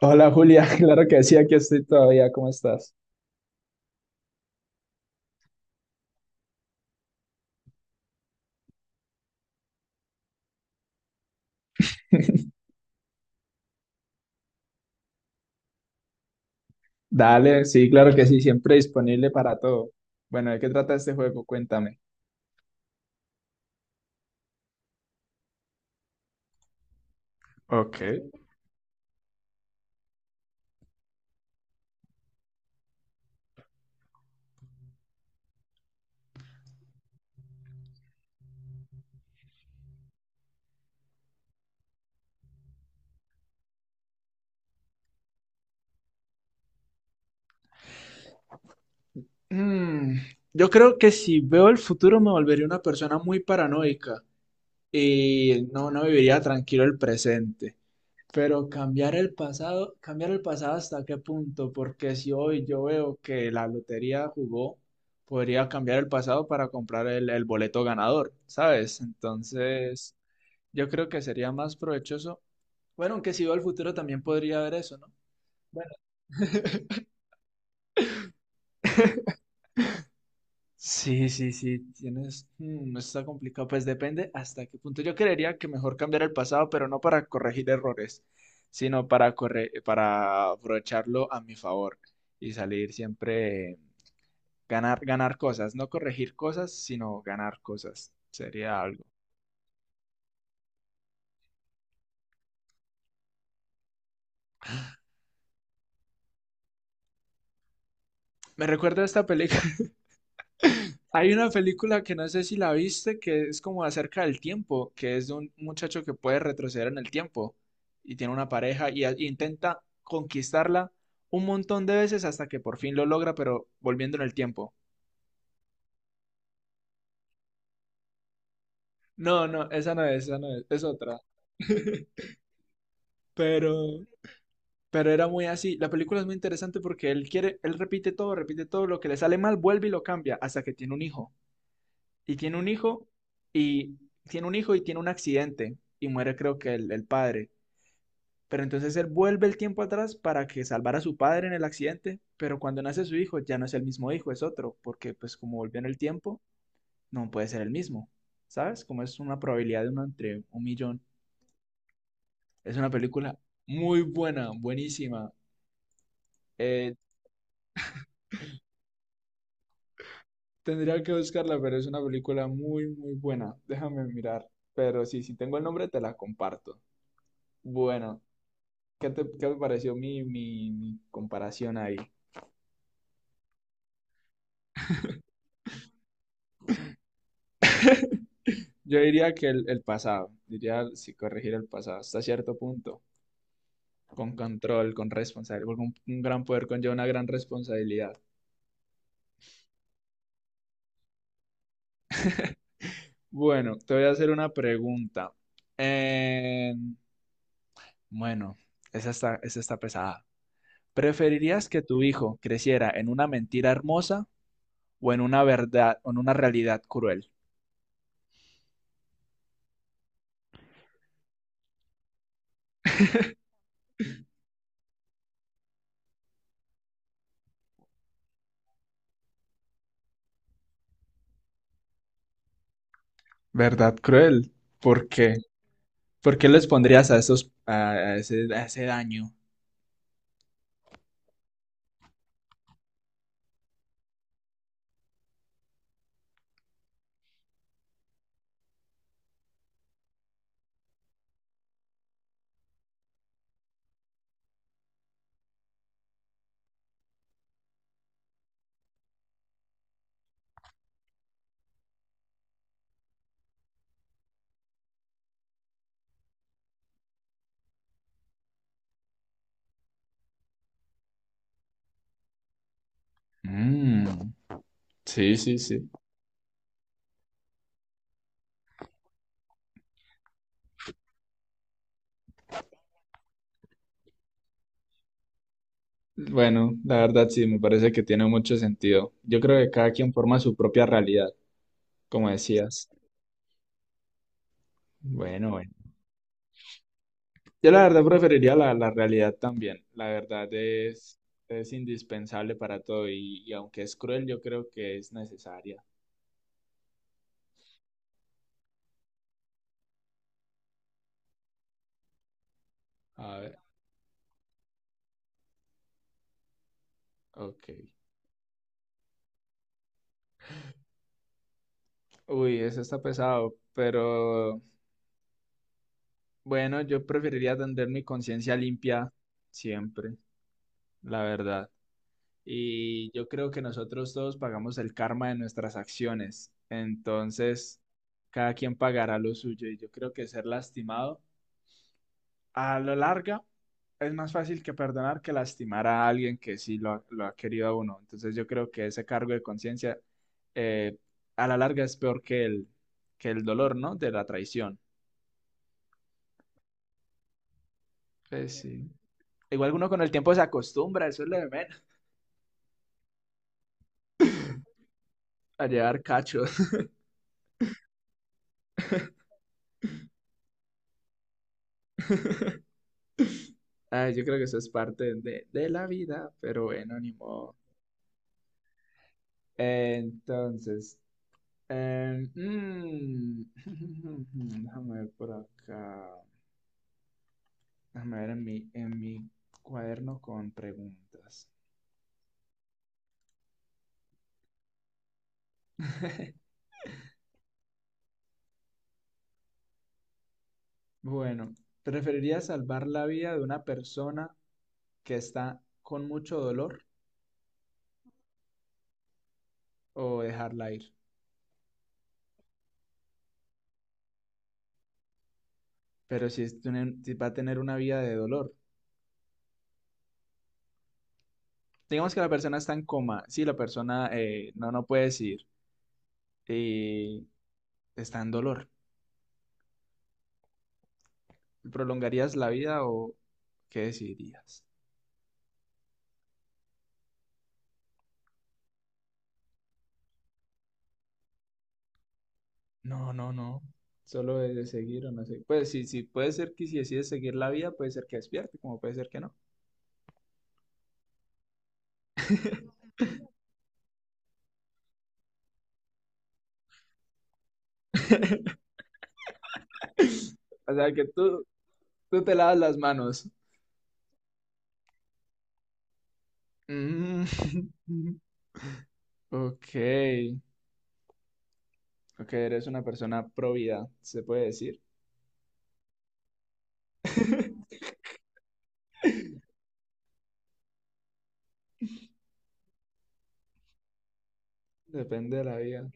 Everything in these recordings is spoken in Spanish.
Hola Julia, claro que sí, aquí estoy todavía, ¿cómo estás? Dale, sí, claro que sí, siempre disponible para todo. Bueno, ¿de qué trata este juego? Cuéntame. Ok. Mm, yo creo que si veo el futuro me volvería una persona muy paranoica y no viviría tranquilo el presente. Pero cambiar el pasado hasta qué punto, porque si hoy yo veo que la lotería jugó, podría cambiar el pasado para comprar el boleto ganador, ¿sabes? Entonces, yo creo que sería más provechoso. Bueno, aunque si veo al futuro también podría haber eso, ¿no? Bueno. Sí, sí, sí, tienes. Está complicado. Pues depende hasta qué punto. Yo creería que mejor cambiar el pasado, pero no para corregir errores, sino para para aprovecharlo a mi favor y salir siempre ganar, ganar cosas, no corregir cosas, sino ganar cosas. Sería algo. Me recuerda a esta película. Hay una película que no sé si la viste, que es como acerca del tiempo, que es de un muchacho que puede retroceder en el tiempo y tiene una pareja y, y intenta conquistarla un montón de veces hasta que por fin lo logra, pero volviendo en el tiempo. No, no, esa no es, es otra. Pero, pero era muy así. La película es muy interesante porque él quiere, él repite todo, lo que le sale mal, vuelve y lo cambia hasta que tiene un hijo. Y tiene un hijo y tiene un hijo y tiene un accidente y muere creo que el padre. Pero entonces él vuelve el tiempo atrás para que salvara a su padre en el accidente, pero cuando nace su hijo ya no es el mismo hijo, es otro, porque pues como volvió en el tiempo, no puede ser el mismo, ¿sabes? Como es una probabilidad de uno entre un millón. Es una película muy buena, buenísima. Eh, tendría que buscarla, pero es una película muy, muy buena. Déjame mirar. Pero sí, si tengo el nombre, te la comparto. Bueno, qué te pareció mi comparación ahí? Yo diría que el pasado, diría si corregir el pasado hasta cierto punto, con control, con responsabilidad, porque un gran poder conlleva una gran responsabilidad. Bueno, te voy a hacer una pregunta. Eh, bueno, esa está pesada. ¿Preferirías que tu hijo creciera en una mentira hermosa o en una verdad, o en una realidad cruel? ¿Verdad cruel? ¿Por qué? ¿Por qué les pondrías a esos, a ese, a ese daño? Mm, sí, sí, sí. Bueno, la verdad sí, me parece que tiene mucho sentido. Yo creo que cada quien forma su propia realidad, como decías. Bueno, bueno. Yo la verdad preferiría la realidad también. La verdad es indispensable para todo y aunque es cruel, yo creo que es necesaria. A ver, ok. Uy, eso está pesado, pero bueno, yo preferiría tener mi conciencia limpia siempre, la verdad. Y yo creo que nosotros todos pagamos el karma de nuestras acciones. Entonces, cada quien pagará lo suyo. Y yo creo que ser lastimado a la larga es más fácil que perdonar que lastimar a alguien que sí lo ha querido a uno. Entonces, yo creo que ese cargo de conciencia eh, a la larga es peor que que el dolor, ¿no? De la traición. Pues sí. Igual uno con el tiempo se acostumbra, eso es lo de menos, a llevar cachos. Ah, yo creo que eso es parte de la vida, pero bueno, ni modo. Entonces, em, mm, déjame ver por acá. Déjame ver en mi cuaderno con preguntas. Bueno, ¿preferirías salvar la vida de una persona que está con mucho dolor o dejarla ir? Pero si, si va a tener una vida de dolor. Digamos que la persona está en coma. Sí, la persona no, no puede decir. Y está en dolor. ¿Prolongarías la vida o qué decidirías? No, no, no. Solo de seguir o no sé. Pues sí, sí, puede ser que si decides seguir la vida, puede ser que despierte, como puede ser que no. O sea, que tú te lavas las manos. Mm, ok, ok, eres una persona pro vida, se puede decir. Depende de la vida.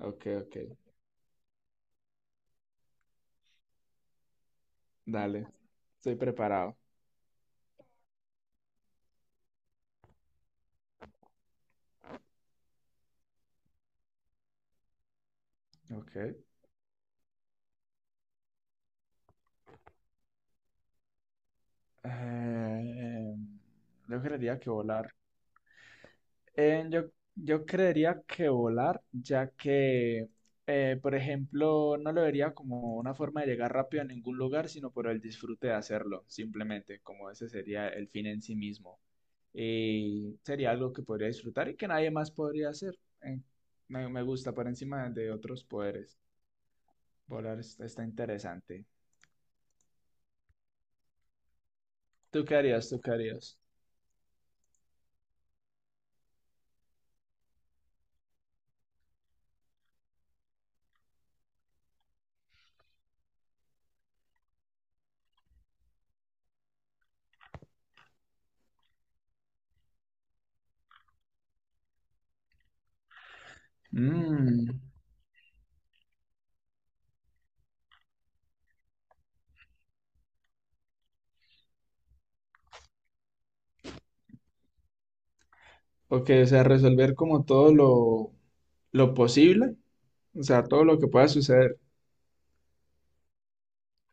Ok, ok, dale, estoy preparado. Ok. Eh, yo creería que volar. Eh, yo, yo creería que volar, ya que, por ejemplo, no lo vería como una forma de llegar rápido a ningún lugar, sino por el disfrute de hacerlo, simplemente, como ese sería el fin en sí mismo. Y sería algo que podría disfrutar y que nadie más podría hacer. Eh, me gusta por encima de otros poderes. Está interesante. ¿Tú qué harías? ¿Tú qué harías? Mm. Ok, o sea, resolver como todo lo posible, o sea, todo lo que pueda suceder.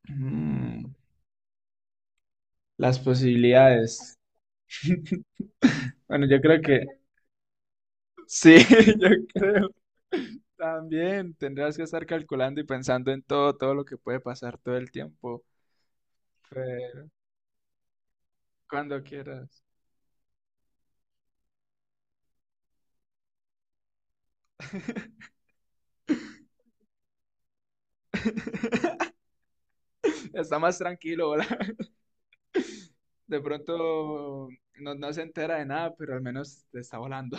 Mm, las posibilidades. Bueno, yo creo que sí, yo creo. También tendrás que estar calculando y pensando en todo, todo lo que puede pasar todo el tiempo. Pero cuando quieras. Está más tranquilo, ¿verdad? De pronto no, no se entera de nada, pero al menos te está volando.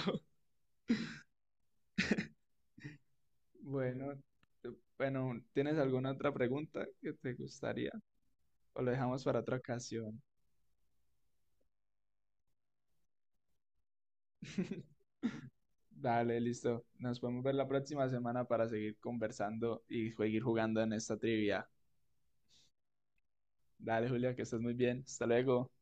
Bueno, bueno, ¿tienes alguna otra pregunta que te gustaría? ¿O lo dejamos para otra ocasión? Dale, listo. Nos podemos ver la próxima semana para seguir conversando y seguir jugando en esta trivia. Dale, Julia, que estés muy bien. Hasta luego.